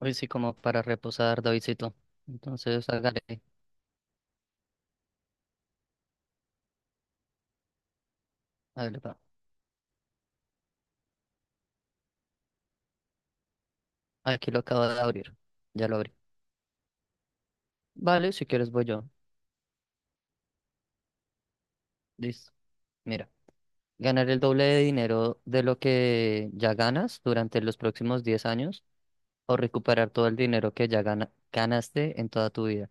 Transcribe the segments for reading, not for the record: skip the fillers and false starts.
Hoy sí como para reposar, Davidcito. Entonces, hágale. Hágale, pa. Aquí lo acabo de abrir. Ya lo abrí. Vale, si quieres voy yo. Listo. Mira, ganar el doble de dinero de lo que ya ganas durante los próximos 10 años, o recuperar todo el dinero que ya ganaste en toda tu vida.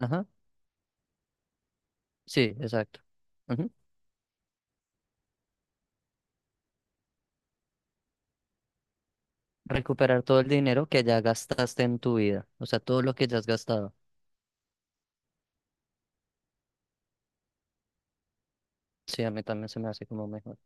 Ajá. Sí, exacto. Ujú. Recuperar todo el dinero que ya gastaste en tu vida. O sea, todo lo que ya has gastado. Sí, a mí también se me hace como mejor,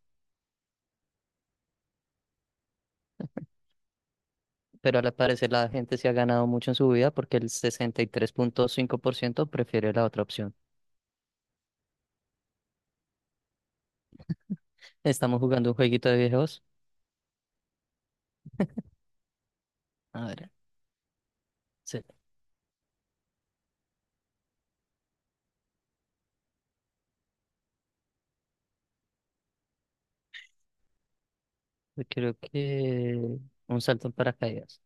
pero al parecer la gente se ha ganado mucho en su vida porque el 63,5% prefiere la otra opción. Estamos jugando un jueguito de viejos. A ver, se- yo creo que un salto en paracaídas.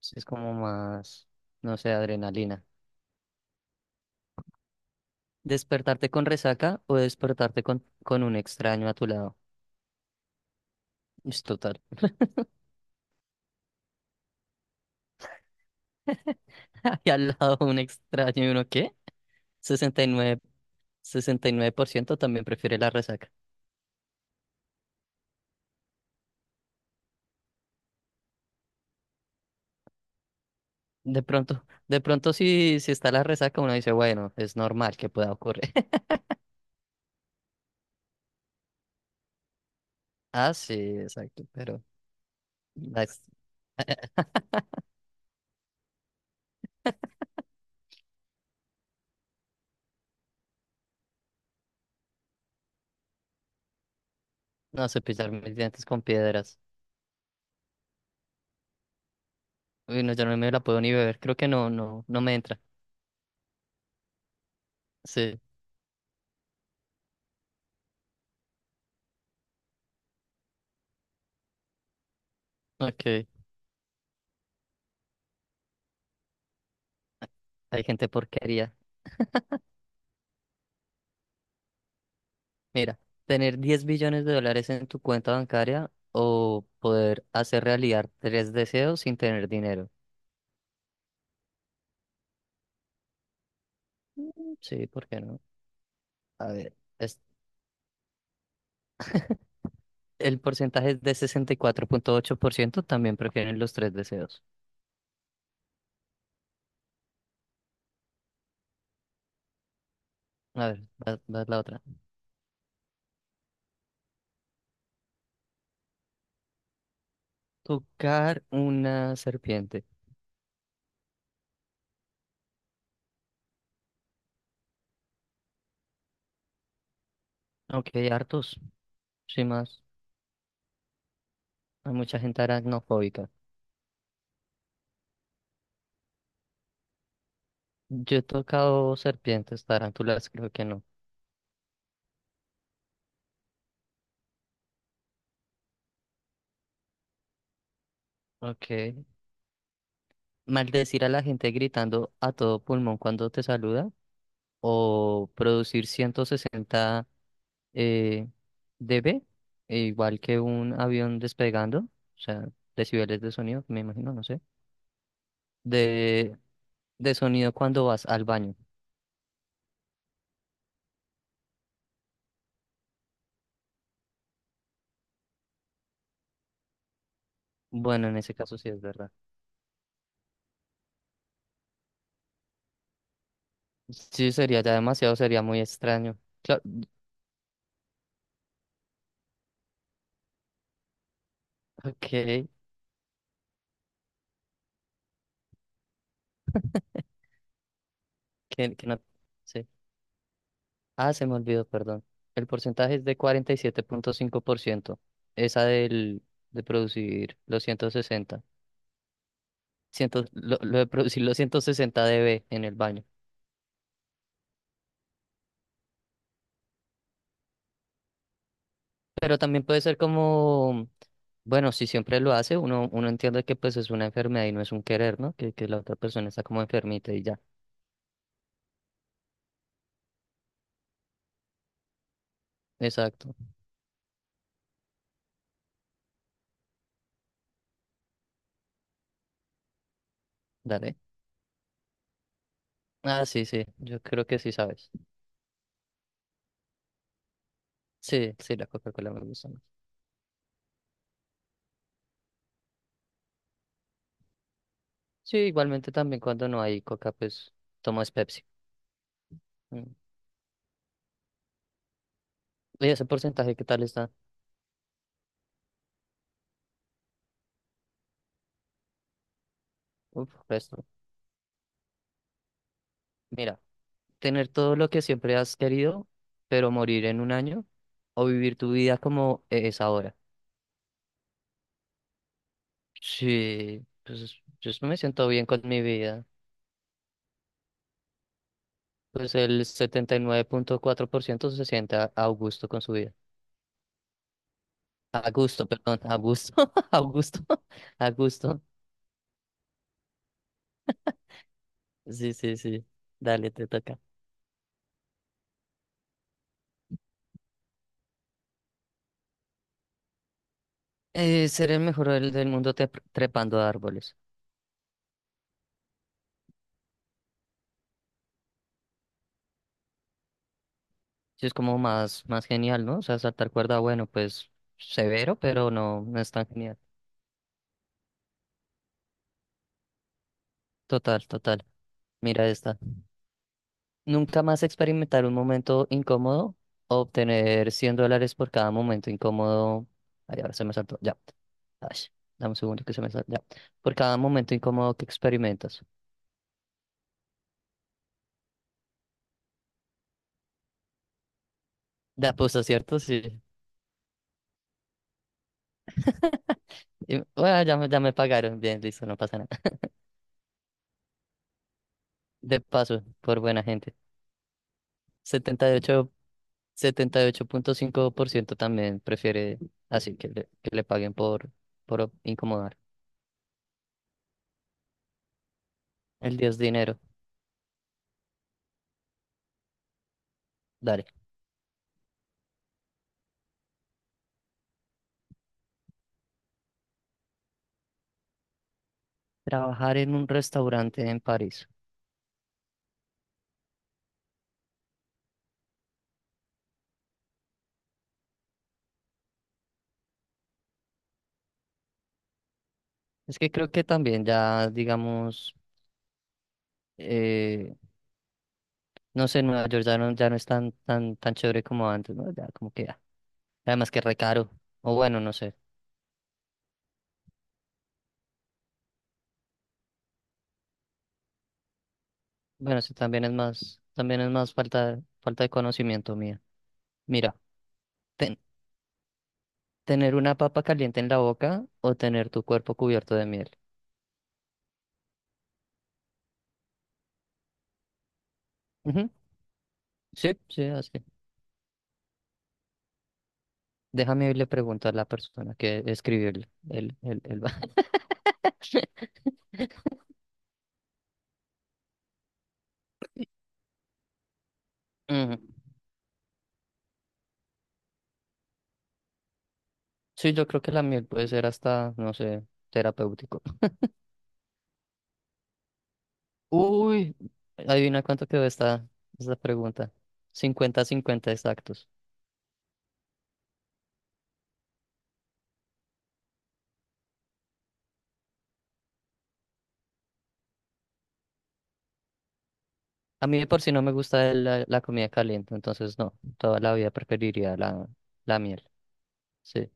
Sí, es como más, no sé, adrenalina. ¿Despertarte con resaca o despertarte con un extraño a tu lado? Es total. Y al lado un extraño y uno, ¿qué? Sesenta sesenta y y nueve, 69% también prefiere la resaca. De pronto, si está la resaca, uno dice, bueno, es normal que pueda ocurrir. Ah, sí, exacto, pero las- no cepillar mis dientes con piedras. Uy, no, yo no me la puedo ni beber, creo que no, no, no me entra. Sí, ok. Hay gente porquería. Mira, tener 10 billones de dólares en tu cuenta bancaria o poder hacer realidad tres deseos sin tener dinero. Mm, sí, ¿por qué no? A ver, el porcentaje es de 64,8% también prefieren los tres deseos. A ver, va, va la otra. Tocar una serpiente. Aunque hay hartos, sin más. Hay mucha gente aracnofóbica. Yo he tocado serpientes, tarántulas, creo que no. Ok. Maldecir a la gente gritando a todo pulmón cuando te saluda. O producir 160, eh, dB, e igual que un avión despegando. O sea, decibeles de sonido, me imagino, no sé. De, de sonido cuando vas al baño. Bueno, en ese caso sí es verdad. Sí, sería ya demasiado, sería muy extraño. Claro, ok, que no sí. Ah, se me olvidó, perdón. El porcentaje es de 47,5%. Esa del de producir los lo de producir los 160 dB en el baño. Pero también puede ser como, bueno, si siempre lo hace, uno entiende que pues es una enfermedad y no es un querer, ¿no? Que la otra persona está como enfermita y ya. Exacto. Dale. Ah, sí, sí. Yo creo que sí sabes. Sí, sí, la Coca-Cola me gusta más. Sí, igualmente también cuando no hay Coca, pues tomo es Pepsi. Mm. ¿Y ese porcentaje qué tal está? Uf, resto. Mira, tener todo lo que siempre has querido, pero morir en un año, o vivir tu vida como es ahora. Sí, pues yo me siento bien con mi vida. Pues el 79,4% se siente a gusto con su vida. A gusto, perdón, a gusto, a gusto, a gusto. Sí, sí, sí. Dale, te toca. Ser el mejor del mundo trepando a árboles. Sí, es como más, más genial, ¿no? O sea, saltar cuerda, bueno, pues severo, pero no, no es tan genial. Total, total. Mira esta. Nunca más experimentar un momento incómodo o obtener $100 por cada momento incómodo. Ay, ahora se me saltó. Ya. Ay, dame un segundo que se me saltó. Ya. Por cada momento incómodo que experimentas. De apuesta, ¿cierto? Sí. Y, bueno, ya me pagaron. Bien, listo, no pasa nada. De paso, por buena gente. setenta y ocho 78,5% también prefiere, así que le paguen por incomodar. El diez dinero. Dale. Trabajar en un restaurante en París. Es que creo que también ya, digamos, eh, no sé, Nueva York ya no es tan, tan, tan chévere como antes, ¿no? Ya como que ya. Además que re caro. O bueno, no sé. Bueno, eso también es más falta de conocimiento mía. Mira, ten- tener una papa caliente en la boca o tener tu cuerpo cubierto de miel. Sí, sí, así. Déjame irle preguntar a la persona que escribió el. Ujú. Sí, yo creo que la miel puede ser hasta, no sé, terapéutico. Uy, adivina cuánto quedó esta pregunta. 50-50 exactos. A mí de por si no me gusta la comida caliente, entonces no, toda la vida preferiría la miel. Sí,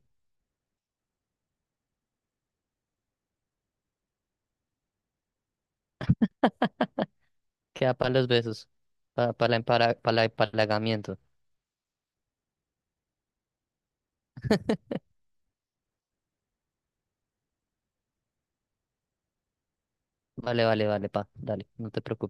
queda para los besos, para el empalagamiento. Vale, vale, vale, pa, dale, no te preocupes.